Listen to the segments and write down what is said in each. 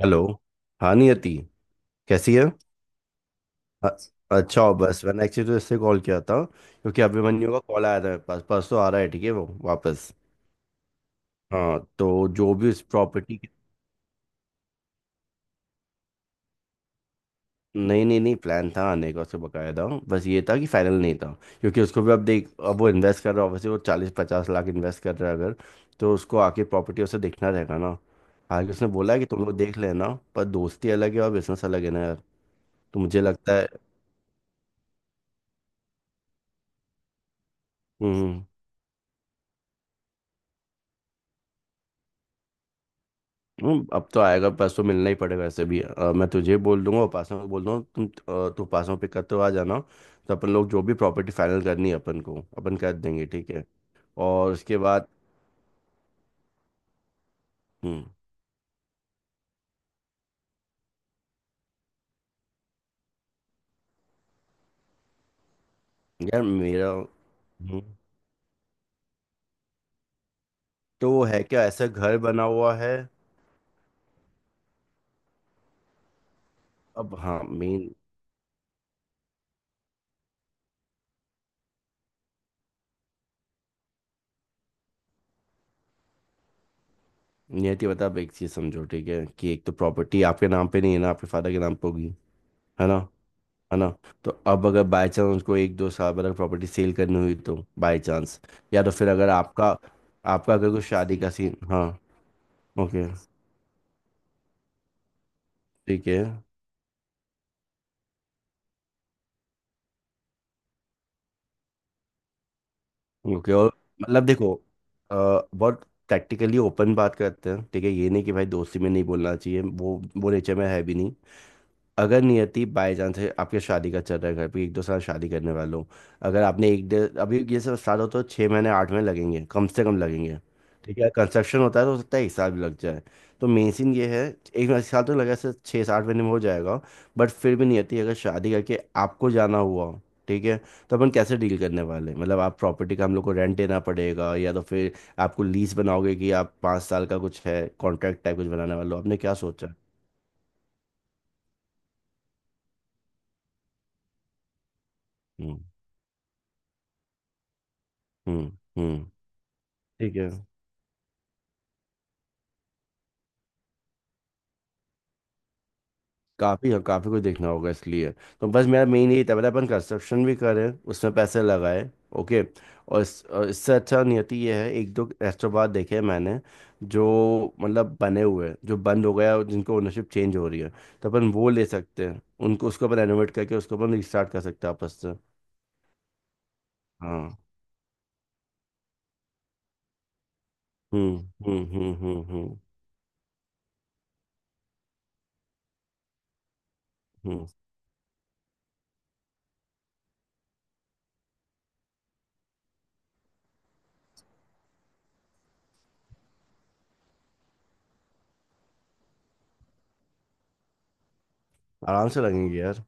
Hello. हाँ नियति, कैसी है? अ- अच्छा हो। बस मैंने एक्चुअली तो इससे कॉल किया था क्योंकि अभिमन्यु का कॉल आया था मेरे पास, परसों आ रहा है, ठीक है वो वापस। हाँ तो जो भी उस प्रॉपर्टी की, नहीं नहीं नहीं प्लान था आने का उसका बकायदा, बस ये था कि फाइनल नहीं था क्योंकि उसको भी अब देख, अब वो इन्वेस्ट कर रहा है, वैसे वो चालीस पचास लाख इन्वेस्ट कर रहा है अगर। तो उसको आके प्रॉपर्टी उसे देखना रहेगा ना। हालांकि उसने बोला है कि तुम लोग देख लेना, पर दोस्ती अलग है और बिजनेस अलग है ना यार, तो मुझे लगता है। हम्म अब तो आएगा परसों, मिलना ही पड़ेगा। वैसे भी मैं तुझे बोल दूंगा, उपासना को बोल दूंगा, तुम तू उपासना को पिक करते हुए आ जाना। तो अपन लोग जो भी प्रॉपर्टी फाइनल करनी है अपन को, अपन कर देंगे, ठीक है। और उसके बाद। हम्म। यार मेरा। हम्म, तो वो है क्या, ऐसा घर बना हुआ है? अब हाँ मेन। नियति बता अब एक चीज समझो, ठीक है, कि एक तो प्रॉपर्टी आपके नाम पे नहीं है ना, आपके फादर के नाम पे होगी, है ना, है ना? तो अब अगर बाय चांस उसको एक दो साल बाद अगर प्रॉपर्टी सेल करनी हुई तो बाय चांस, या तो फिर अगर आपका, आपका अगर कोई शादी का सीन, हाँ। ओके। ठीक है। ओके और मतलब देखो, बहुत टैक्टिकली ओपन बात करते हैं ठीक है, ये नहीं कि भाई दोस्ती में नहीं बोलना चाहिए, वो नेचर में है भी नहीं। अगर नियति बाय चांस आपके शादी का चल रहा है घर पे, एक दो साल शादी करने वाले हो, अगर आपने एक डेढ़ अभी ये सब स्टार्ट हो तो छः महीने आठ महीने लगेंगे, कम से कम लगेंगे, ठीक है। कंस्ट्रक्शन होता है तो हो सकता है एक साल भी लग जाए। तो मेन सीन ये है, एक एक साल तो लगा, से छः सात महीने में हो जाएगा। बट फिर भी नियति अगर शादी करके आपको जाना हुआ, ठीक है, तो अपन कैसे डील करने वाले हैं? मतलब आप प्रॉपर्टी का हम लोग को रेंट देना पड़ेगा, या तो फिर आपको लीज बनाओगे, कि आप पाँच साल का कुछ है कॉन्ट्रैक्ट टाइप कुछ बनाने वाले हो, आपने क्या सोचा है? हम्म हम्म हम्म। ठीक है। काफी है, काफी कुछ देखना होगा इसलिए। तो बस मेरा मेन यही था, मतलब अपन कंस्ट्रक्शन भी करें, उसमें पैसे लगाए। ओके, और, और इससे अच्छा नियति ये है, एक दो रेस्टोरेंट देखे हैं मैंने, जो मतलब बने हुए हैं, जो बंद हो गया और जिनको ओनरशिप चेंज हो रही है। तो अपन वो ले सकते हैं, उनको उसको अपन रेनोवेट करके उसको अपन रिस्टार्ट कर सकते हैं आपस से। हाँ। हम्म हम्म हम्म हम्म हम्म हम्म। आराम से लगेंगे यार।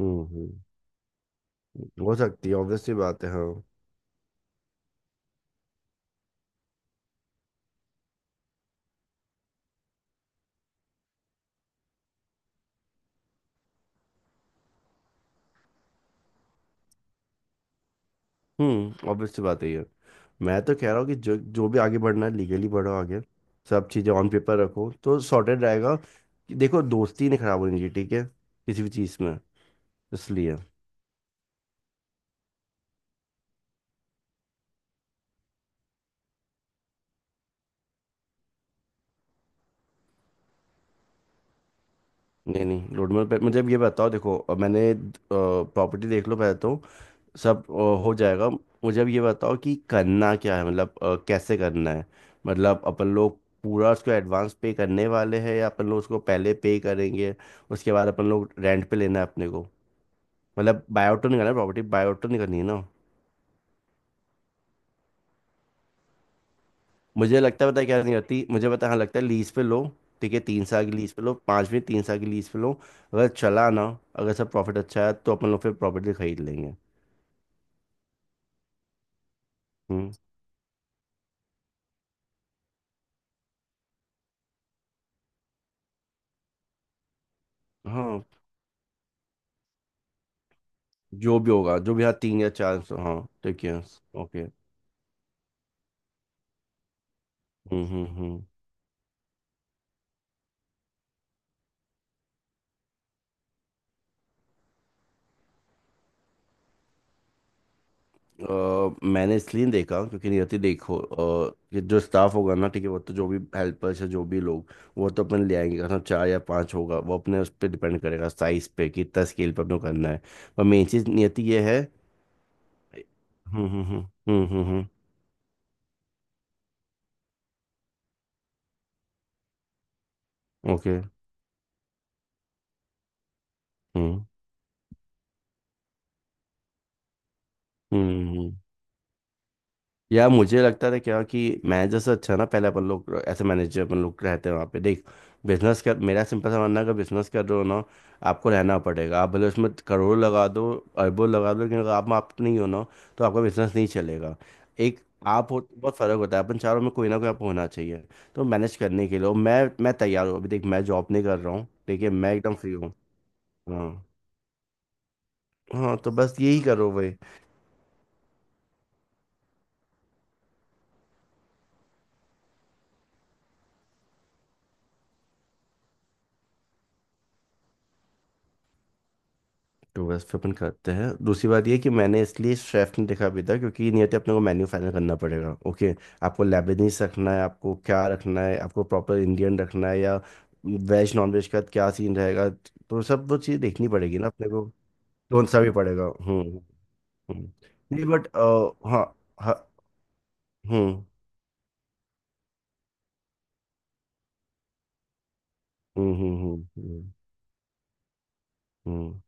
हम्म। हो सकती है, ऑब्वियस सी बात है हाँ। हम्म। ऑब्वियस सी बात है ये। मैं तो कह रहा हूँ कि जो जो भी आगे बढ़ना है लीगली बढ़ो आगे। सब चीज़ें ऑन पेपर रखो तो सॉर्टेड रहेगा, कि देखो दोस्ती नहीं खराब होनी चाहिए, ठीक है, किसी भी चीज़ में, इसलिए। नहीं नहीं रोडमेप पे मुझे अब ये बताओ। देखो मैंने प्रॉपर्टी देख लो पहले, तो सब हो जाएगा। मुझे अब ये बताओ कि करना क्या है, मतलब कैसे करना है। मतलब अपन लोग पूरा उसको एडवांस पे करने वाले हैं, या अपन लोग उसको पहले पे करेंगे, उसके बाद अपन लोग रेंट पे लेना है अपने को? मतलब बायोट तो नहीं करना, प्रॉपर्टी बायोट तो नहीं करनी है ना? मुझे लगता है पता है क्या, नहीं होती मुझे पता, हाँ लगता है लीज पे लो, ठीक है। तीन साल की लीज पे लो, पाँच में तीन साल की लीज पे लो। अगर चला ना, अगर सब प्रॉफिट अच्छा है तो अपन लोग फिर प्रॉपर्टी खरीद लेंगे। हम्म। हाँ जो भी होगा जो भी, हाँ तीन या चार सौ, हाँ ठीक है। ओके। हम्म। मैंने इसलिए नहीं देखा क्योंकि नियति देखो, ये जो स्टाफ होगा ना, ठीक है, वो तो जो भी हेल्पर्स है जो भी लोग, वो तो अपन ले आएंगे। अगर चार या पाँच होगा वो अपने उस पर डिपेंड करेगा साइज पे, कि कितना स्केल पे अपने को करना है। पर मेन चीज़ नियति ये है। हम्म। ओके। हम्म हम्म। यार मुझे लगता था क्या, कि मैनेजर से अच्छा ना, पहले अपन लोग ऐसे मैनेजर, अपन लोग रहते हैं वहाँ पे देख, बिजनेस कर। मेरा सिंपल सा मानना है, अगर बिजनेस कर रहे हो ना, आपको रहना पड़ेगा। आप भले उसमें करोड़ लगा दो, अरबों लगा दो, लेकिन अगर आप नहीं हो ना, तो आपका बिजनेस नहीं चलेगा। एक, आप हो तो बहुत फर्क होता है। अपन चारों में कोई ना कोई आप होना चाहिए, तो मैनेज करने के लिए। और मैं तैयार हूँ, अभी देख मैं जॉब नहीं कर रहा हूँ, ठीक है, मैं एकदम फ्री हूँ। हाँ। हाँ, तो बस यही करो भाई। टू वेस्ट पे अपन करते हैं। दूसरी बात ये कि मैंने इसलिए शेफ नहीं देखा अभी तक, क्योंकि नियति अपने को मेन्यू फाइनल करना पड़ेगा, ओके। आपको लेबनीज रखना है, आपको क्या रखना है, आपको प्रॉपर इंडियन रखना है, या वेज नॉन वेज का क्या सीन रहेगा, तो सब वो चीज़ देखनी पड़ेगी ना अपने को। कौन सा भी पड़ेगा। हम्म। नहीं बट, हाँ हाँ। हम्म हम्म हम्म हम्म हम्म हम्म।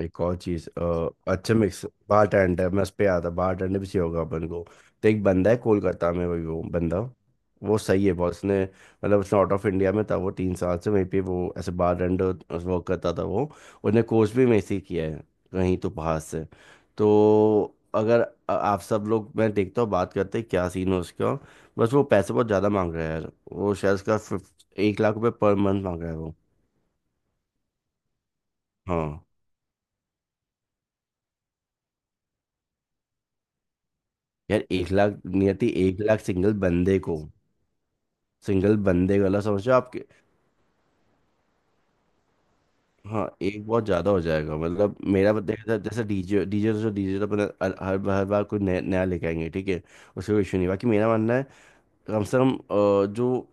एक और चीज, अच्छा मिक्स बार टेंडर, मैं उस पे आता, बार टेंडर भी चाहिए होगा अपन को। तो एक बंदा है कोलकाता में, वही वो बंदा वो सही है बहुत, उसने मतलब उसने आउट ऑफ इंडिया में था वो तीन साल से, वहीं पे वो ऐसे बार टेंडर वर्क करता था वो, उसने कोर्स भी वहीं से ही किया है, कहीं तो बाहर से। तो अगर आप सब लोग, मैं देखता हूँ बात करते हैं क्या सीन है उसका। बस वो पैसे बहुत ज़्यादा मांग रहा है यार, वो शायद उसका 50, एक लाख रुपये पर मंथ मांग रहा है वो। हाँ। यार एक लाख नियति, एक लाख सिंगल बंदे को, सिंगल बंदे का मतलब समझो आपके, हाँ एक बहुत ज्यादा हो जाएगा। मतलब मेरा जैसे जैसे डीजे डीजे जो डीजे तो अपना हर हर हर बार कोई नया नया लेके आएंगे, ठीक है। उससे कोई इशू नहीं, बाकी मेरा मानना है कम से कम जो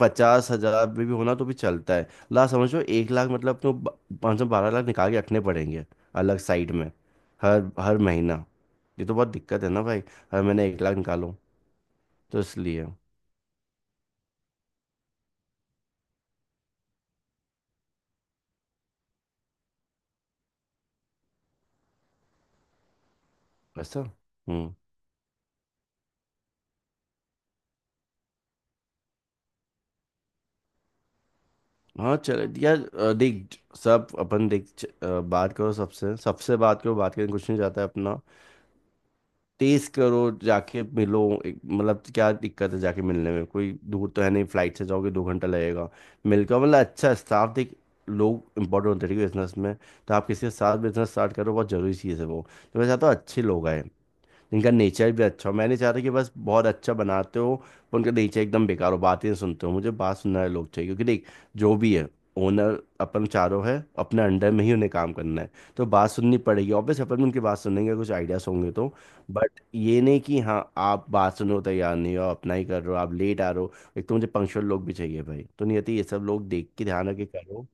पचास हजार में भी होना तो भी चलता है। ला समझो एक लाख मतलब, तो पाँच सौ बारह लाख निकाल के रखने पड़ेंगे अलग साइड में, हर हर महीना। ये तो बहुत दिक्कत है ना भाई, हर महीने एक लाख निकालो, तो इसलिए। ऐसा। हम्म। हाँ चलो यार, देख सब अपन देख, बात करो सबसे सबसे बात करो, बात करने कुछ नहीं जाता है अपना। तेज करो जाके मिलो। मतलब क्या दिक्कत है जाके मिलने में, कोई दूर तो है नहीं, फ्लाइट से जाओगे दो घंटा लगेगा। मिलकर मतलब अच्छा स्टाफ देख, लोग इंपॉर्टेंट होते हैं बिजनेस में। तो आप किसी के साथ बिजनेस स्टार्ट करो, बहुत जरूरी चीज़ है वो। तो मैं चाहता हूँ अच्छे लोग आए, इनका नेचर भी अच्छा हो। मैं नहीं चाहता कि बस बहुत अच्छा बनाते हो पर उनका नेचर एकदम बेकार हो, बातें नहीं सुनते हो। मुझे बात सुनने वाले लोग चाहिए, क्योंकि देख, जो भी है ओनर अपन चारों है, अपने अंडर में ही उन्हें काम करना है, तो बात सुननी पड़ेगी ऑब्वियस। अपन भी उनकी बात सुनेंगे कुछ आइडियाज होंगे तो, बट ये नहीं कि हाँ आप बात सुनने को तैयार नहीं हो, अपना ही कर रहे हो, आप लेट आ रहे हो। एक तो मुझे पंक्चुअल लोग भी चाहिए भाई, तो नहीं आती ये, सब लोग देख के ध्यान रख के करो।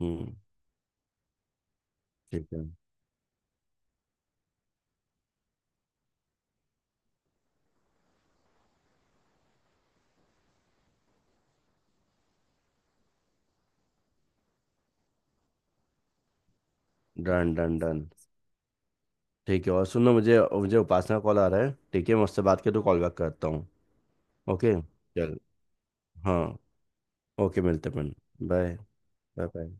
हम्म। ठीक है। Done done done. ठीक है और सुनो, मुझे मुझे उपासना कॉल आ रहा है, ठीक है, मैं उससे बात करके तो कॉल बैक करता हूँ। ओके। चल। हाँ। ओके मिलते हैं अपन। Bye bye. बाय।